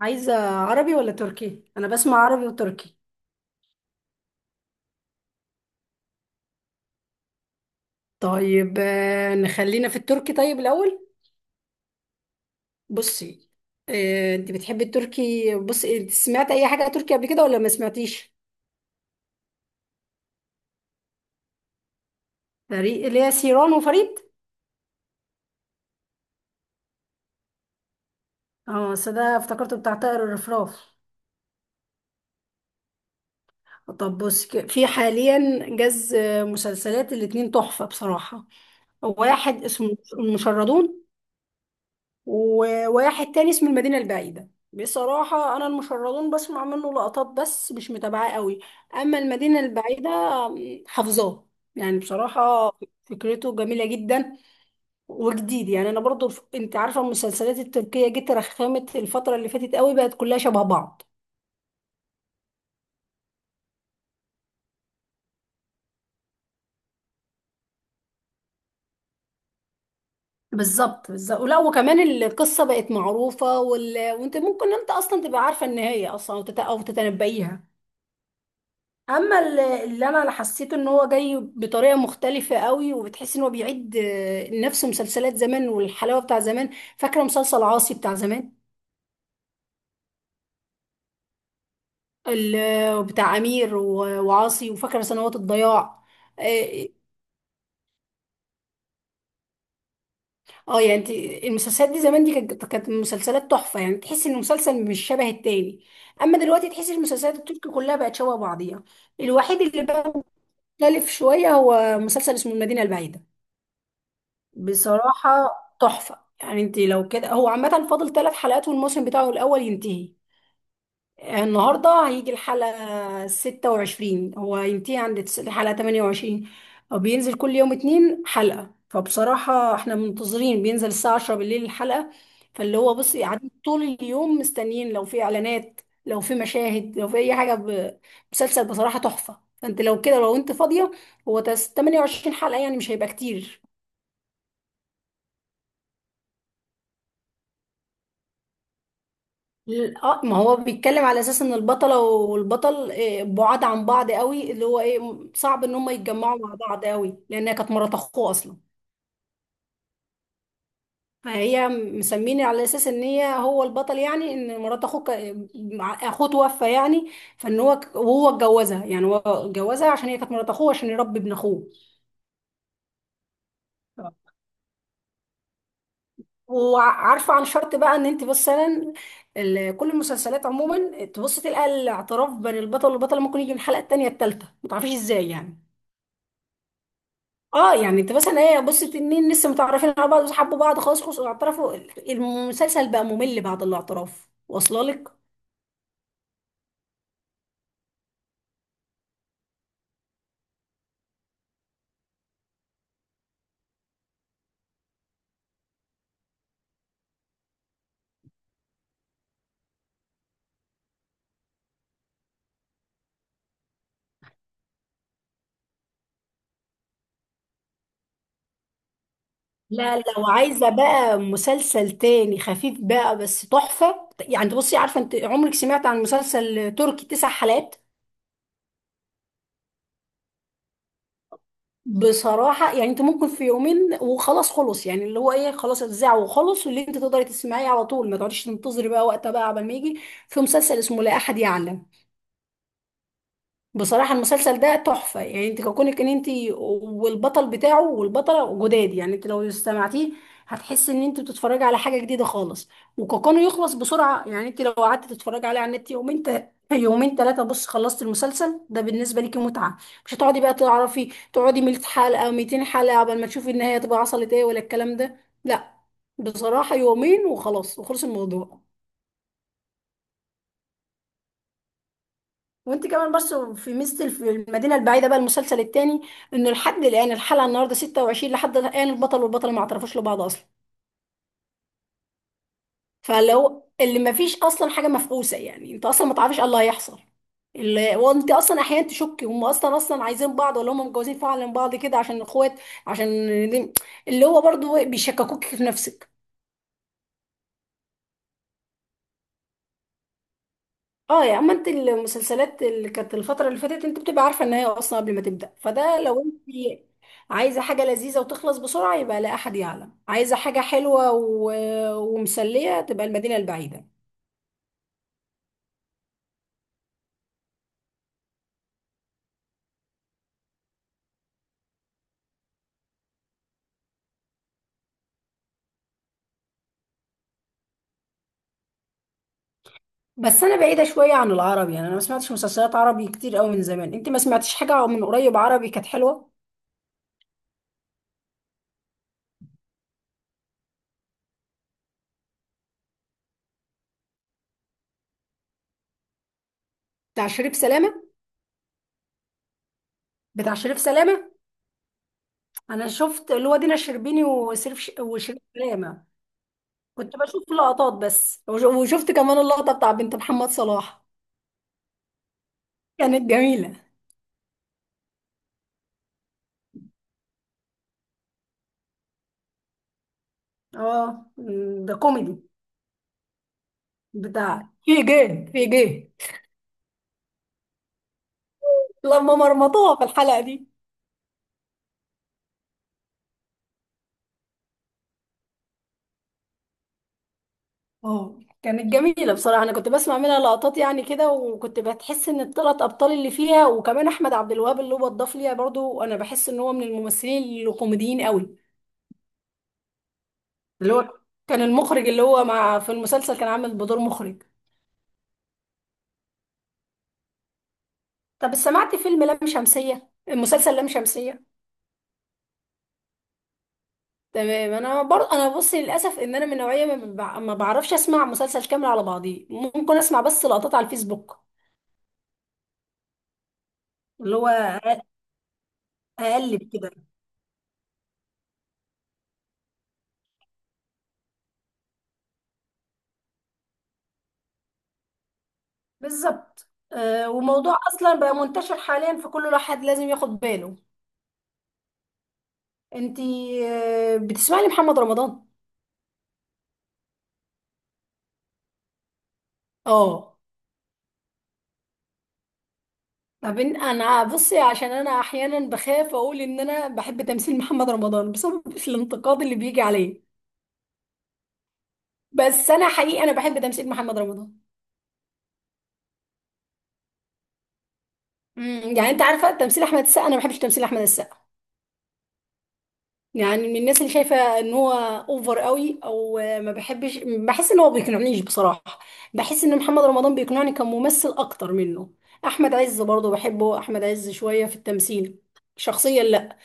عايزة عربي ولا تركي؟ أنا بسمع عربي وتركي. طيب نخلينا في التركي طيب الأول. بصي. أنت بتحبي التركي؟ بصي، إنت سمعت أي حاجة تركي قبل كده ولا ما سمعتيش؟ فريق اللي هي سيران وفريد؟ اه، أصل ده افتكرته بتاع طائر الرفراف. طب بصي، في حاليا جاز، مسلسلات الاتنين تحفة بصراحة. واحد اسمه المشردون، وواحد تاني اسمه المدينة البعيدة. بصراحة أنا المشردون بسمع منه لقطات بس مش متابعاه قوي، أما المدينة البعيدة حافظاه. يعني بصراحة فكرته جميلة جدا وجديد. يعني أنا برضو أنت عارفة المسلسلات التركية جت رخمت الفترة اللي فاتت قوي، بقت كلها شبه بعض. بالظبط بالظبط، ولا وكمان القصة بقت معروفة وأنت ممكن أنت أصلا تبقى عارفة النهاية أصلا، أو أو تتنبئيها. اما اللي انا حسيته ان هو جاي بطريقه مختلفه قوي، وبتحس ان هو بيعيد نفس مسلسلات زمان والحلاوه بتاع زمان. فاكره مسلسل عاصي بتاع زمان؟ بتاع امير وعاصي، وفاكره سنوات الضياع. اه، يعني انت المسلسلات دي زمان دي كانت مسلسلات تحفه، يعني تحس ان المسلسل مش شبه التاني. اما دلوقتي تحس المسلسلات التركي كلها بقت شبه بعضيها. الوحيد اللي بقى مختلف شويه هو مسلسل اسمه المدينه البعيده. بصراحة تحفة. يعني انت لو كده، هو عامة فاضل 3 حلقات والموسم بتاعه الأول ينتهي. النهاردة هيجي الحلقة 26، هو ينتهي عند الحلقة 28. هو بينزل كل يوم اتنين حلقة، فبصراحة احنا منتظرين بينزل الساعة 10 بالليل الحلقة. فاللي هو بصي قاعدين طول اليوم مستنيين لو في إعلانات، لو في مشاهد، لو في أي حاجة مسلسل بصراحة تحفة. فانت لو كده، لو انت فاضية، هو 28 حلقة يعني مش هيبقى كتير. اه، ما هو بيتكلم على اساس ان البطله والبطل، بعاد عن بعض قوي، اللي هو ايه، صعب ان هم يتجمعوا مع بعض قوي لانها كانت مرات اخوه اصلا. فهي مسميني على اساس ان هي هو البطل، يعني ان مرات اخوه اخوه توفى يعني. فان هو وهو اتجوزها، يعني هو اتجوزها عشان هي كانت مرات اخوه، عشان يربي ابن اخوه. وعارفه عن شرط بقى ان انت مثلا، كل المسلسلات عموما تبص تلقى الاعتراف بين البطل والبطله ممكن يجي من الحلقه التانيه التالته، ما تعرفيش ازاي يعني. اه، يعني انت مثلا ايه، بص اتنين لسه متعرفين على بعض وحبوا بعض، خلاص خلاص اعترفوا. المسلسل بقى ممل بعد الاعتراف، واصله لك. لا، لو عايزه بقى مسلسل تاني خفيف بقى بس تحفه، يعني انت بصي، عارفه انت عمرك سمعت عن مسلسل تركي 9 حلقات؟ بصراحه يعني انت ممكن في يومين وخلاص خلص، يعني اللي هو ايه، خلاص اتذاع وخلص، واللي انت تقدري تسمعيه على طول، ما تقعديش تنتظري بقى وقتها بقى قبل ما يجي. في مسلسل اسمه لا احد يعلم. بصراحة المسلسل ده تحفة، يعني انت كونك ان انت والبطل بتاعه والبطلة جداد، يعني انت لو استمعتيه هتحسي ان انت بتتفرجي على حاجة جديدة خالص. وكونه يخلص بسرعة، يعني انت لو قعدت تتفرجي عليه على النت يومين يومين ثلاثة، بص خلصت المسلسل، ده بالنسبة ليكي متعة. مش هتقعدي بقى تعرفي تقعدي 100 حلقة 200 حلقة قبل ما تشوفي النهاية تبقى حصلت ايه ولا الكلام ده. لا، بصراحة يومين وخلاص وخلص الموضوع. وانت كمان برضه في ميزه في المدينه البعيده بقى المسلسل التاني، انه لحد الان الحلقه النهارده 26، لحد الان البطل والبطله ما اعترفوش لبعض اصلا. فلو اللي ما فيش اصلا حاجه مفقوسه، يعني انت اصلا ما تعرفش ايه اللي هيحصل. اللي وانت اصلا احيانا تشك هم اصلا اصلا عايزين بعض ولا هم متجوزين فعلا بعض كده عشان اخوات، عشان دي- اللي هو برضه بيشككوك في نفسك. اه، يا اما انت المسلسلات اللي كانت الفتره اللي فاتت انت بتبقى عارفه النهايه اصلا قبل ما تبدا، فده لو انت عايزه حاجه لذيذه وتخلص بسرعه يبقى لا احد يعلم، عايزه حاجه حلوه ومسليه تبقى المدينه البعيده. بس انا بعيده شويه عن العربي، يعني انا ما سمعتش مسلسلات عربي كتير قوي من زمان. انت ما سمعتيش حاجه من قريب عربي كانت حلوه؟ بتاع شريف سلامه. بتاع شريف سلامه. انا شفت اللي هو دينا الشربيني وشريف وشريف سلامه. كنت بشوف لقطات بس، وشفت كمان اللقطه بتاع بنت محمد صلاح. كانت جميلة. اه، ده كوميدي. بتاع في جد في جد، لما مرمطوها في الحلقة دي. اه كانت جميلة بصراحة، أنا كنت بسمع منها لقطات يعني كده، وكنت بتحس إن الثلاث أبطال اللي فيها، وكمان أحمد عبد الوهاب اللي هو اتضاف ليها برضو، أنا بحس إن هو من الممثلين الكوميديين قوي. اللي هو كان المخرج، اللي هو مع في المسلسل كان عامل بدور مخرج. طب سمعت فيلم لام شمسية، المسلسل لام شمسية؟ تمام. انا برضه انا بص للاسف ان انا من نوعيه ما، ما بعرفش اسمع مسلسل كامل على بعضيه، ممكن اسمع بس لقطات على الفيسبوك. اللي هو اقلب كده. بالظبط، وموضوع اصلا بقى منتشر حاليا، فكل واحد لازم ياخد باله. انتي بتسمعي لمحمد رمضان؟ اه. طب انا بصي، عشان انا احيانا بخاف اقول ان انا بحب تمثيل محمد رمضان بسبب الانتقاد اللي بيجي عليه، بس انا حقيقي انا بحب تمثيل محمد رمضان. يعني انت عارفه تمثيل احمد السقا؟ انا ما بحبش تمثيل احمد السقا، يعني من الناس اللي شايفه ان هو اوفر قوي، او ما بحبش، بحس ان هو بيقنعنيش بصراحه. بحس ان محمد رمضان بيقنعني كممثل اكتر منه. احمد عز برضه بحبه، احمد عز شويه في التمثيل شخصيا، لا.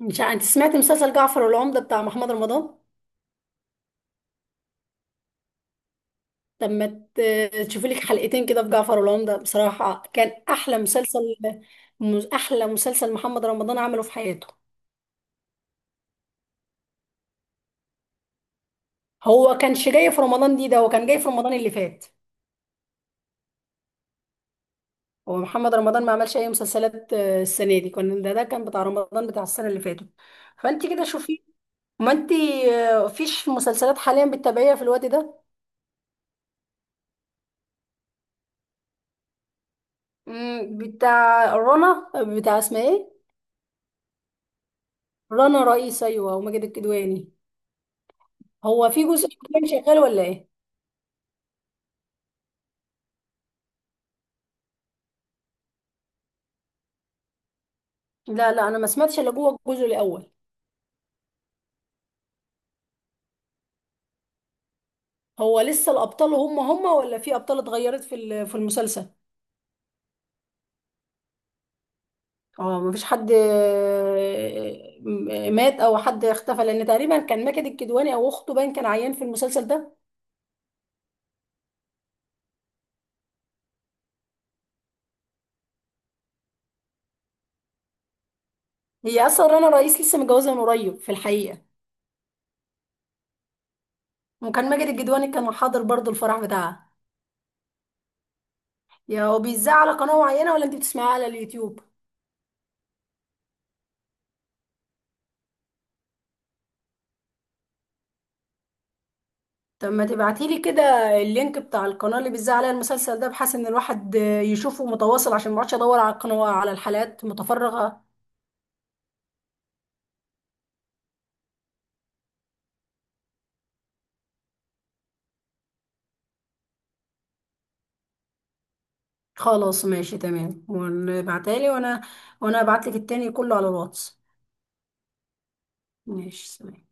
مش انت سمعت مسلسل جعفر والعمده بتاع محمد رمضان؟ طب ما تشوفي لك حلقتين كده في جعفر والعمده، بصراحه كان احلى مسلسل، احلى مسلسل محمد رمضان عمله في حياته. هو كانش جاي في رمضان دي، ده هو كان جاي في رمضان اللي فات. هو محمد رمضان ما عملش اي مسلسلات السنه دي، كان ده كان بتاع رمضان بتاع السنه اللي فاتت. فانت كده شوفي. ما انت فيش مسلسلات حاليا بتتابعيها في الوقت ده؟ بتاع رنا، بتاع اسمها ايه؟ رنا رئيس، ايوه، وماجد الكدواني. هو في جزء كان شغال ولا ايه؟ لا لا، انا ما سمعتش الا جوه الجزء الاول. هو لسه الابطال هم هم، ولا في ابطال اتغيرت في في المسلسل؟ اه مفيش حد، مات او حد اختفى، لان تقريبا كان ماجد الكدواني او اخته باين كان عيان في المسلسل ده. هي اصلا رنا رئيس لسه متجوزه من قريب في الحقيقه، وكان ماجد الكدواني كان حاضر برضو الفرح بتاعها. يا هو بيذاع على قناه معينه ولا انت بتسمعيها على اليوتيوب؟ طب ما تبعتيلي كده اللينك بتاع القناه اللي بيذاع عليها المسلسل ده، بحيث ان الواحد يشوفه متواصل، عشان ما اقعدش ادور على القناه على الحلقات متفرغه. خلاص ماشي تمام، وابعتها لي، وانا ابعت لك التاني كله على الواتس. ماشي، سلام.